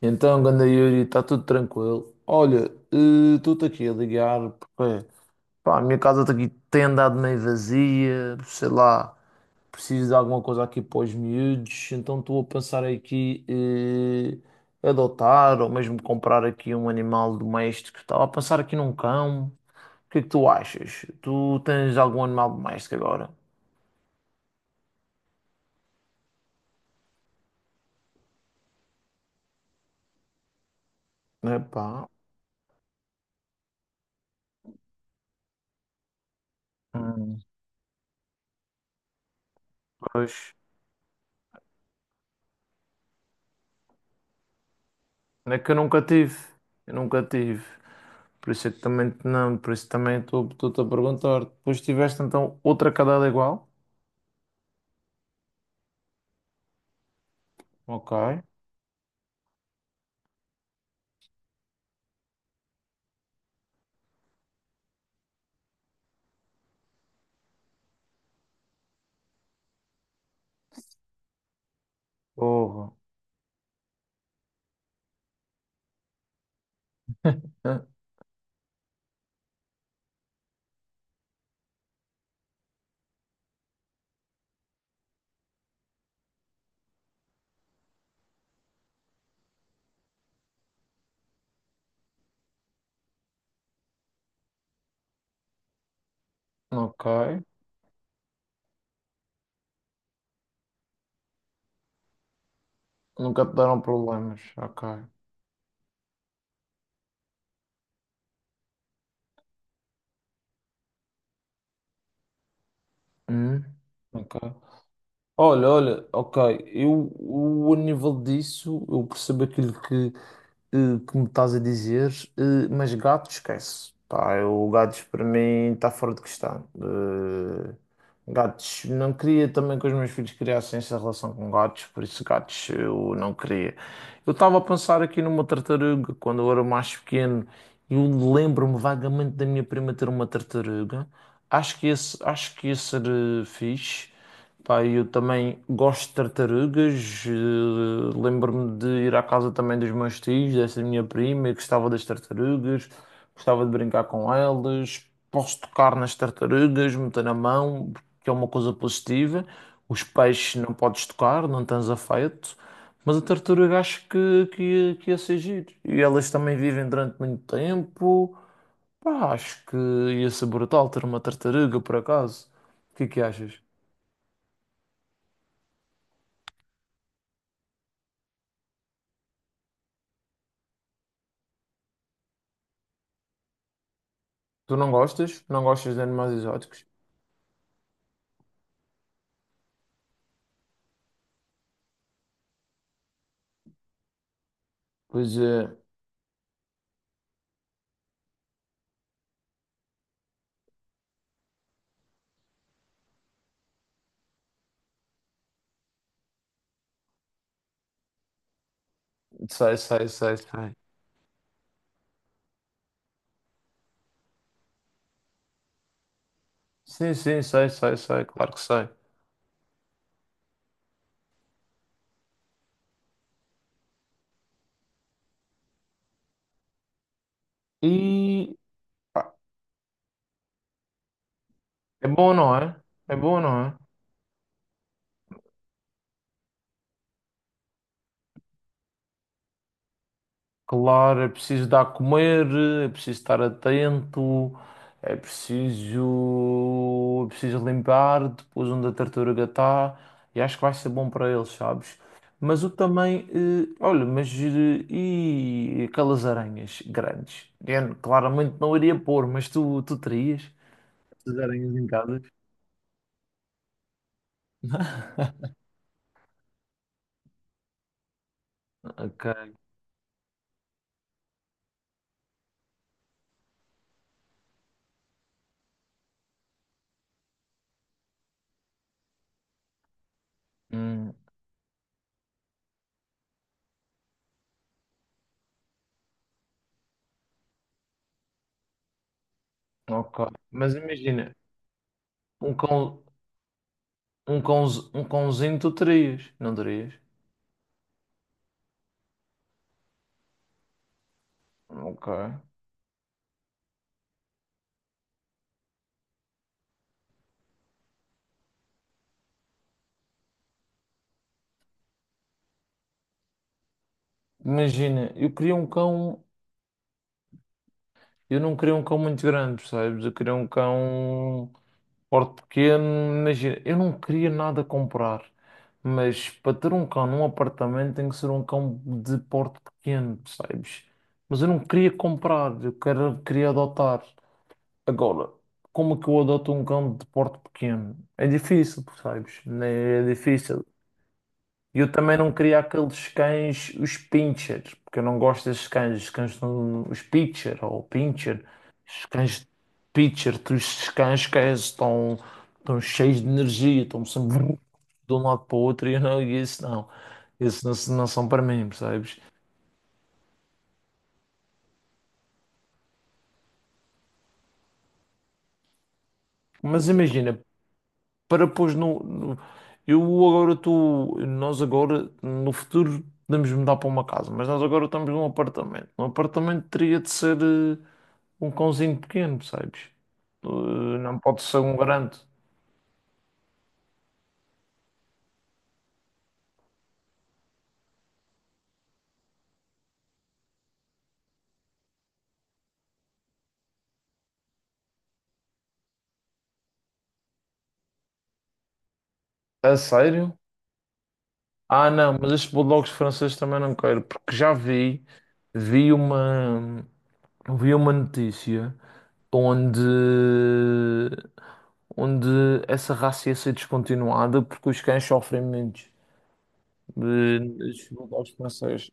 Então, ganda Yuri, está tudo tranquilo. Olha, estou-te aqui a ligar porque pá, a minha casa tá aqui tem andado meio vazia, sei lá, preciso de alguma coisa aqui para os miúdos, então estou a pensar aqui adotar ou mesmo comprar aqui um animal doméstico. Estava a pensar aqui num cão. O que é que tu achas? Tu tens algum animal doméstico agora? Epá. Hum. Pois. É que eu nunca tive. Eu nunca tive. Por isso é que também não, por isso também estou-te a perguntar. Depois tiveste então outra cadela igual? Ok. Porra. Hã? Ok. Nunca te deram problemas. Ok. Hum? Ok. Olha, olha, ok. Eu a nível disso, eu percebo aquilo que que me estás a dizer, mas gato esquece. Pá, eu, gatos para mim está fora de questão. Gatos, não queria também que os meus filhos criassem essa relação com gatos, por isso gatos eu não queria. Eu estava a pensar aqui numa tartaruga quando eu era mais pequeno. Eu lembro-me vagamente da minha prima ter uma tartaruga. Acho que esse, acho que ia ser fixe. Pá, eu também gosto de tartarugas. Lembro-me de ir à casa também dos meus tios, dessa minha prima, e gostava das tartarugas, gostava de brincar com elas. Posso tocar nas tartarugas, meter na mão, que é uma coisa positiva. Os peixes não podes tocar, não tens afeto. Mas a tartaruga acho que, que ia ser giro. E elas também vivem durante muito tempo. Pá, acho que ia ser brutal ter uma tartaruga, por acaso. O que é que achas? Tu não gostas? Não gostas de animais exóticos? Pois é, sei. Sim, sei, claro que sei. E pá, é bom, não é? É bom, não é? Claro, é preciso dar a comer, é preciso estar atento, é preciso limpar depois onde a tartaruga está e acho que vai ser bom para eles, sabes? Mas eu também, olha, mas e aquelas aranhas grandes? Eu claramente não iria pôr, mas tu terias as aranhas em casa? Ok, hum, ok. Mas imagina, um cão, um cão, um cãozinho tu terias, não terias? Ok. Imagina, eu queria um cão, eu não queria um cão muito grande, percebes? Eu queria um cão porte pequeno, imagina, eu não queria nada comprar, mas para ter um cão num apartamento tem que ser um cão de porte pequeno, percebes? Mas eu não queria comprar, eu quero, queria adotar. Agora, como é que eu adoto um cão de porte pequeno? É difícil, percebes? Né, é difícil. E eu também não queria aqueles cães, os pincher, porque eu não gosto desses cães, os cães, os pitcher ou pincher, os cães pitcher, os cães que estão, estão cheios de energia, estão sempre vrum, de um lado para o outro e eu não, e isso não, isso não, não são para mim, percebes? Mas imagina, para pôs eu agora estou, nós agora, no futuro, podemos mudar para uma casa, mas nós agora estamos num apartamento. Um apartamento teria de ser. Um cãozinho pequeno, percebes? Não pode ser um grande. A sério? Ah, não, mas estes bulldogs franceses também não quero, porque já vi, vi uma, vi uma notícia onde, onde essa raça ia ser descontinuada porque os cães sofrem muito. Estes bulldogs franceses.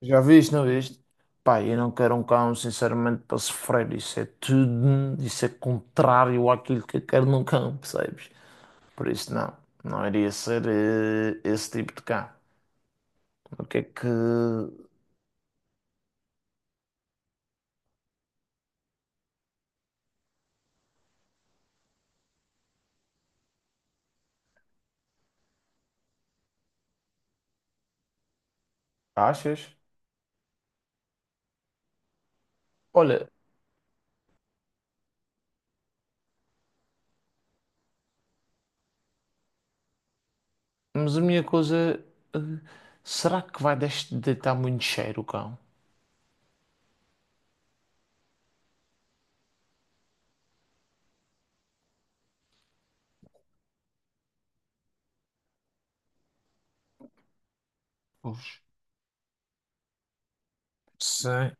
Já viste, não viste? Pá, eu não quero um cão, sinceramente, para sofrer. Isso é tudo, isso é contrário àquilo que eu quero num cão, percebes? Por isso, não. Não iria ser esse tipo de cá. O que é que achas? Olha, mas a minha coisa. eh, Será que vai deitar muito cheiro o cão? Pois. Sim.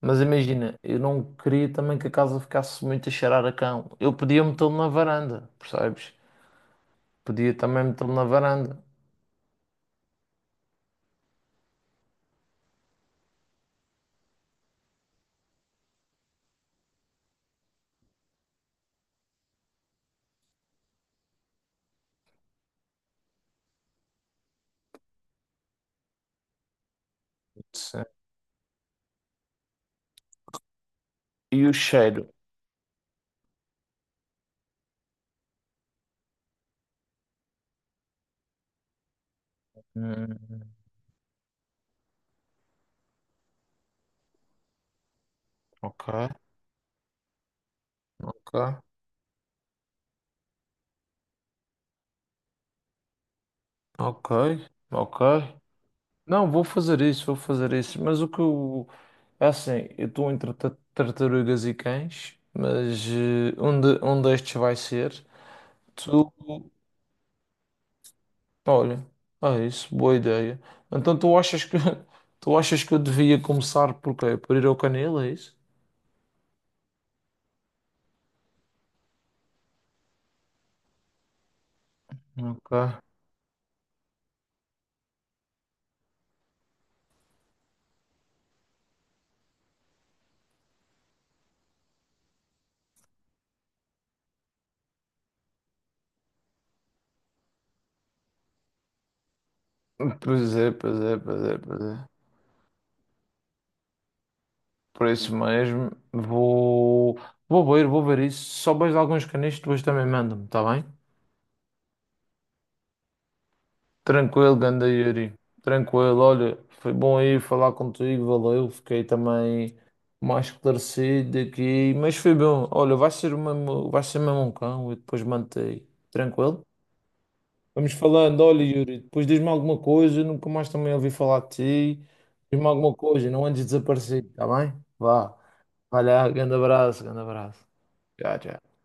Mas imagina, eu não queria também que a casa ficasse muito a cheirar a cão. Eu podia metê-lo na varanda, percebes? Podia também metê-lo na varanda. Sim. E o cheiro? Hum, ok, ok, ok. Não, vou fazer isso. Mas o que eu. É assim, eu estou entre tartarugas e cães, mas um, de, um destes vai ser. Tu. Olha, é isso, boa ideia. Então tu achas que. Tu achas que eu devia começar por quê? Por ir ao canil, é isso? Ok. Pois é. Por isso mesmo, vou. Vou ver isso. Se souberes de alguns canis, depois também manda-me, está bem? Tranquilo, ganda Yuri. Tranquilo, olha, foi bom aí falar contigo, valeu. Fiquei também mais esclarecido aqui, mas foi bom. Olha, vai ser mesmo um cão e depois mantei. Tranquilo? Vamos falando, olha, Yuri, depois diz-me alguma coisa, nunca mais também ouvi falar de ti. Diz-me alguma coisa, não andes desaparecido, tá bem? Vá, vai lá, grande abraço. Tchau, tchau.